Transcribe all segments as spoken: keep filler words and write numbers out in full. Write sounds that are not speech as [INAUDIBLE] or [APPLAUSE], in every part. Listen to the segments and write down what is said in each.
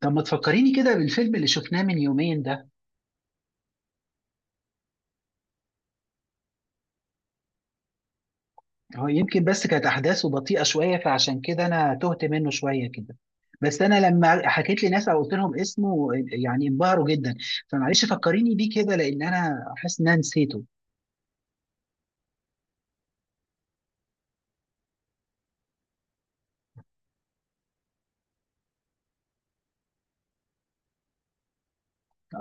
طب ما تفكريني كده بالفيلم اللي شفناه من يومين ده. هو يمكن بس كانت احداثه بطيئه شويه فعشان كده انا تهت منه شويه كده. بس انا لما حكيت لناس او قلت لهم اسمه يعني انبهروا جدا. فمعلش فكريني بيه كده لان انا حاسس ان انا نسيته.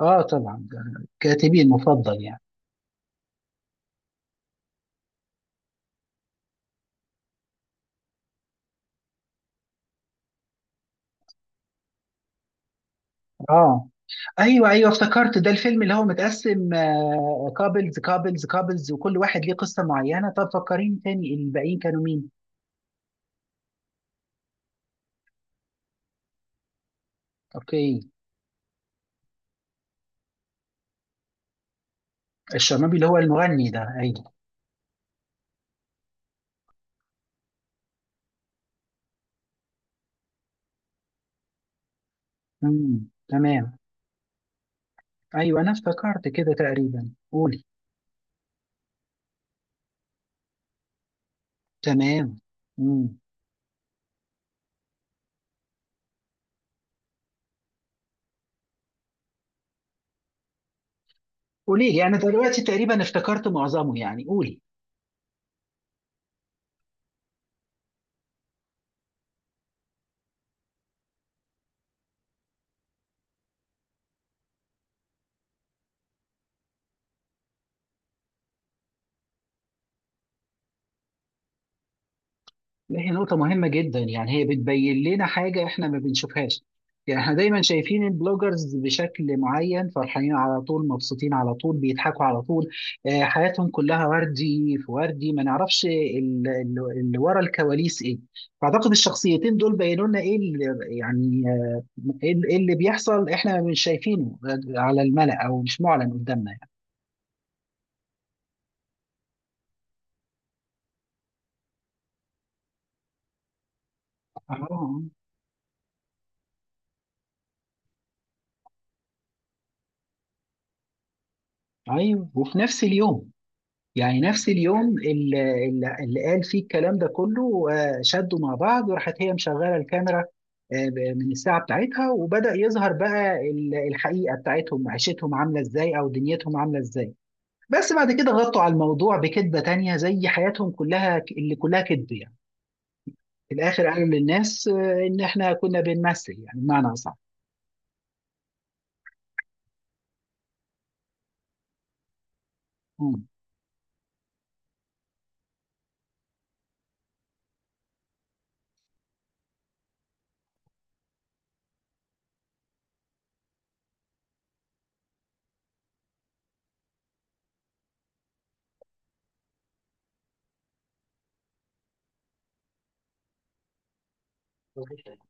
اه، طبعا ده كاتبي المفضل يعني. اه، ايوه ايوه افتكرت ده الفيلم اللي هو متقسم كابلز كابلز كابلز، وكل واحد ليه قصه معينه. طب فكريني تاني الباقيين كانوا مين؟ اوكي. الشرنوبي اللي هو المغني ده، ايوه. امم، تمام. ايوه انا افتكرت كده تقريبا، قولي. تمام. امم. قولي يعني دلوقتي تقريبا افتكرت معظمه يعني قولي. هي نقطة مهمة جدا، يعني هي بتبين لنا حاجة احنا ما بنشوفهاش. يعني احنا دايما شايفين البلوجرز بشكل معين، فرحانين على طول، مبسوطين على طول، بيضحكوا على طول. آه، حياتهم كلها وردي في وردي، ما نعرفش ال- ال- اللي ورا الكواليس ايه. فاعتقد الشخصيتين دول بينوا لنا ايه اللي- يعني ايه اللي إيه اللي بيحصل احنا مش شايفينه، على الملأ او مش معلن قدامنا يعني. اه، ايوه، وفي نفس اليوم، يعني نفس اليوم اللي, اللي قال فيه الكلام ده كله، آه، شدوا مع بعض وراحت هي مشغله الكاميرا، آه، ب- من الساعه بتاعتها، وبدأ يظهر بقى ال- الحقيقه بتاعتهم، عيشتهم عامله ازاي او دنيتهم عامله ازاي. بس بعد كده غطوا على الموضوع بكذبه تانية، زي حياتهم كلها ك- اللي كلها كذب يعني. في الاخر قالوا للناس آه، ان احنا كنا بنمثل، يعني بمعنى اصح.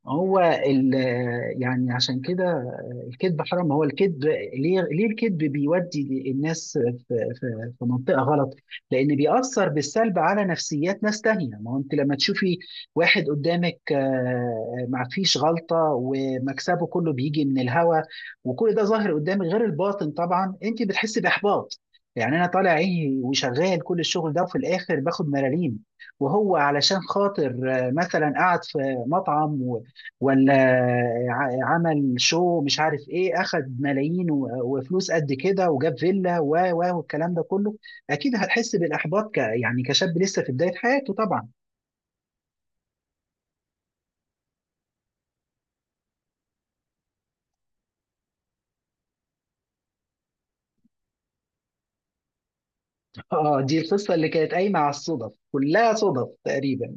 هو ال يعني عشان كده الكذب حرام. ما هو الكذب، ليه ليه الكذب بيودي الناس في في في منطقه غلط. لان بيأثر بالسلب على نفسيات ناس تانية. ما هو انت لما تشوفي واحد قدامك آه، ما فيش غلطه، ومكسبه كله بيجي من الهوا، وكل ده ظاهر قدامك غير الباطن، طبعا انت بتحسي باحباط. يعني انا طالع عيني وشغال كل الشغل ده وفي الاخر باخد ملاليم، وهو علشان خاطر آه، مثلا قعد في مطعم، ولا ع- عمل شو مش عارف ايه، اخد ملايين و- وفلوس قد كده وجاب فيلا و و والكلام ده كله. اكيد هتحس بالاحباط ك يعني كشاب لسه في بدايه حياته طبعا. [LAUGHS] اه، دي القصه اللي كانت قايمه على الصدف، كلها صدف تقريبا.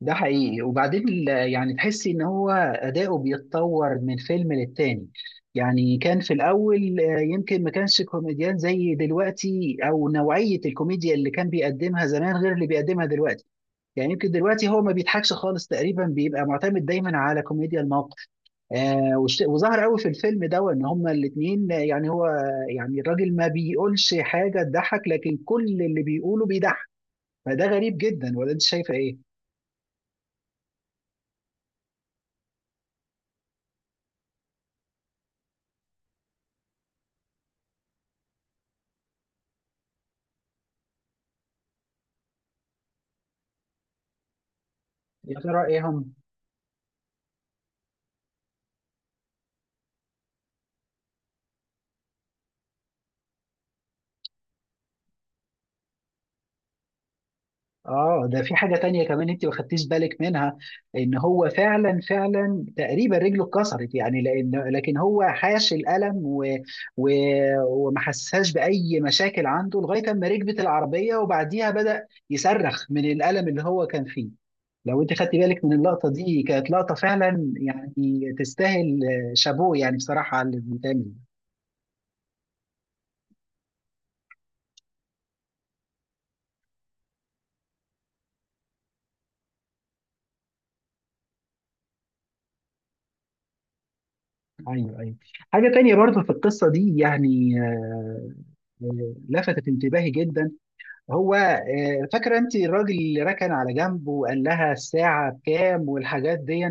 ده حقيقي، وبعدين ال- يعني تحسي ان هو اداؤه بيتطور من فيلم للتاني. يعني كان في الاول آه، يمكن ما كانش كوميديان زي دلوقتي، او نوعيه الكوميديا اللي كان بيقدمها زمان غير اللي بيقدمها دلوقتي. يعني يمكن دلوقتي هو ما بيضحكش خالص تقريبا، بيبقى معتمد دايما على كوميديا الموقف. آه والش- وظهر قوي في الفيلم ده ان هما الاثنين يعني هو، يعني الراجل ما بيقولش حاجه تضحك لكن كل اللي بيقوله بيضحك. فده غريب جدا، ولا انت شايفه ايه؟ يا ترى ايه هم؟ اه، ده في حاجة تانية كمان انت ما خدتيش بالك منها. ان هو فعلا فعلا تقريبا رجله اتكسرت يعني، لان لكن هو حاش الألم و... و... وما حسهاش بأي مشاكل عنده لغاية اما ركبت العربية، وبعديها بدأ يصرخ من الألم اللي هو كان فيه. لو انت خدتي بالك من اللقطة دي كانت لقطة فعلا يعني، تستاهل. شابوه يعني بصراحة على اللي بيتعمل. ايوه ايوه. حاجة تانية برضو في القصة دي يعني، آه، آه، لفتت انتباهي جدا. هو آه، فاكرة انت الراجل اللي ركن على جنبه وقال لها الساعة بكام والحاجات دي؟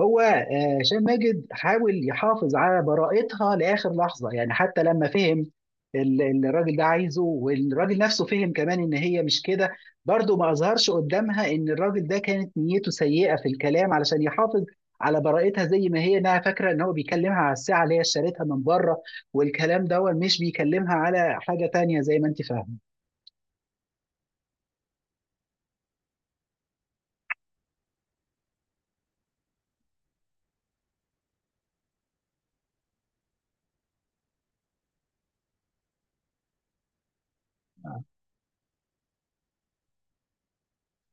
هو آه، هشام ماجد حاول يحافظ على براءتها لآخر لحظة يعني، حتى لما فهم ال- اللي الراجل ده عايزه، والراجل نفسه فهم كمان ان هي مش كده، برضه ما اظهرش قدامها ان الراجل ده كانت نيته سيئة في الكلام، علشان يحافظ على براءتها زي ما هي، انها فاكره ان هو بيكلمها على الساعه اللي هي اشتريتها من بره، والكلام ده مش بيكلمها على حاجه تانية زي ما انت فاهمه.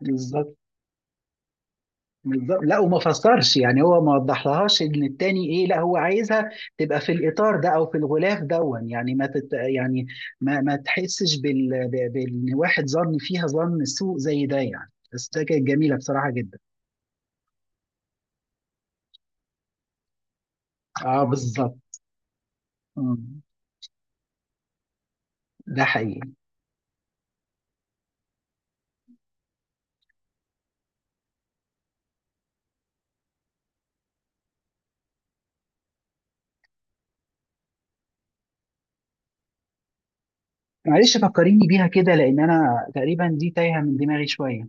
بالظبط بالظبط. لا، وما فسرش يعني، هو ما وضحلهاش ان التاني ايه، لا هو عايزها تبقى في الاطار ده او في الغلاف دون يعني، ما تت يعني ما ما تحسش بال ب- بان واحد ظن فيها ظن سوء زي ده يعني، بس ده كانت جميله بصراحه جدا. اه، بالظبط. مم. ده حقيقي. معلش فكريني بيها كده لان انا تقريبا دي تايهه من دماغي شويه.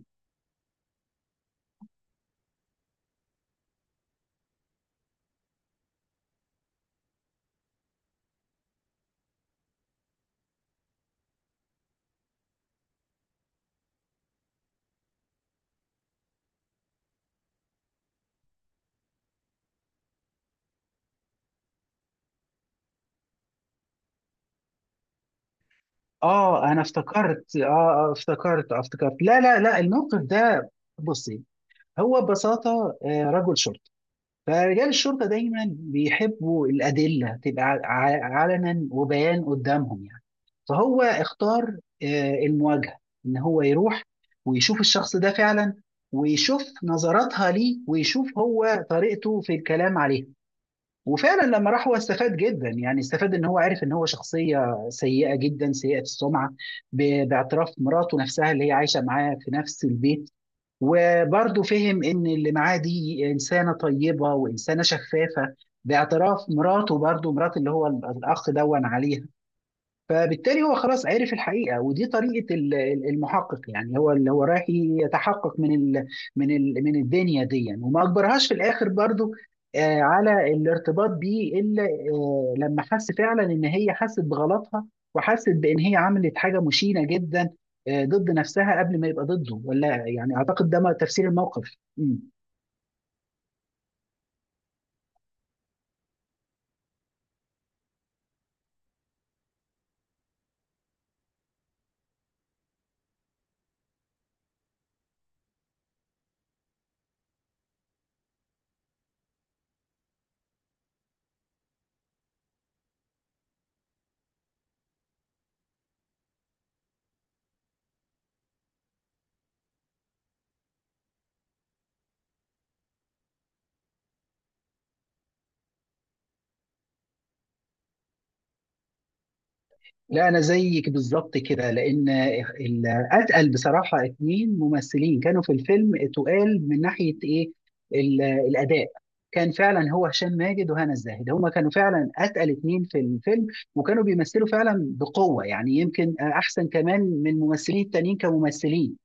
اه، انا افتكرت اه آه، افتكرت آه، افتكرت لا لا لا، الموقف ده. بصي، هو ببساطه آه، رجل شرطه. فرجال الشرطة دايما بيحبوا الأدلة تبقى ع- ع- علنا وبيان قدامهم يعني. فهو اختار آه، المواجهة، إن هو يروح ويشوف الشخص ده فعلا، ويشوف نظراتها ليه، ويشوف هو طريقته في الكلام عليه. وفعلا لما راح هو استفاد جدا، يعني استفاد ان هو عارف ان هو شخصية سيئة جدا، سيئة السمعة، ب- باعتراف مراته نفسها اللي هي عايشة معاه في نفس البيت. وبرضه فهم ان اللي معاه دي انسانه طيبه وانسانه شفافه، باعتراف مراته، برضه مرات اللي هو الاخ دون عليها. فبالتالي هو خلاص عرف الحقيقه، ودي طريقه ال- ال- المحقق يعني، هو اللي هو رايح يتحقق من ال من ال من الدنيا دي يعني. وما اجبرهاش في الاخر برضو آه، على الارتباط بيه، الا آه، لما حس فعلا ان هي حست بغلطها، وحست بان هي عملت حاجه مشينه جدا آه، ضد نفسها قبل ما يبقى ضده. ولا يعني اعتقد ده ما- تفسير الموقف. لا انا زيك بالظبط كده، لان ال- اتقل بصراحه اتنين ممثلين كانوا في الفيلم، تقال من ناحيه ايه ال- الاداء. كان فعلا هو هشام ماجد وهنا الزاهد، هما كانوا فعلا اتقل اتنين في الفيلم، وكانوا بيمثلوا فعلا بقوه، يعني يمكن احسن كمان من الممثلين التانيين كممثلين.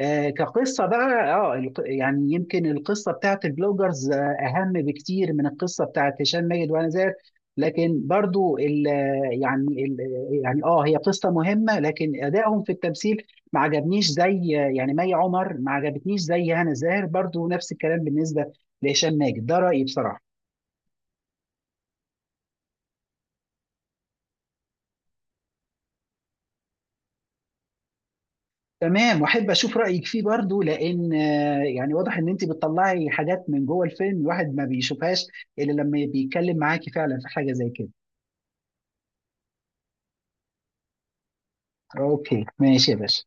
آه، كقصة بقى، اه الق- يعني يمكن القصة بتاعت البلوجرز آه، أهم بكتير من القصة بتاعت هشام ماجد وأنا زاهر. لكن برضو ال آه، يعني ال آه، يعني اه هي قصة مهمة، لكن أدائهم في التمثيل ما عجبنيش، زي آه، يعني مي عمر ما عجبتنيش زي هنا زاهر، برضو نفس الكلام بالنسبة لهشام ماجد. ده رأيي بصراحة. تمام، واحب اشوف رايك فيه برضو لان آه، يعني واضح ان انت بتطلعي حاجات من جوه الفيلم الواحد ما بيشوفهاش الا لما بيتكلم معاكي فعلا في حاجه زي كده. اوكي، ماشي يا باشا.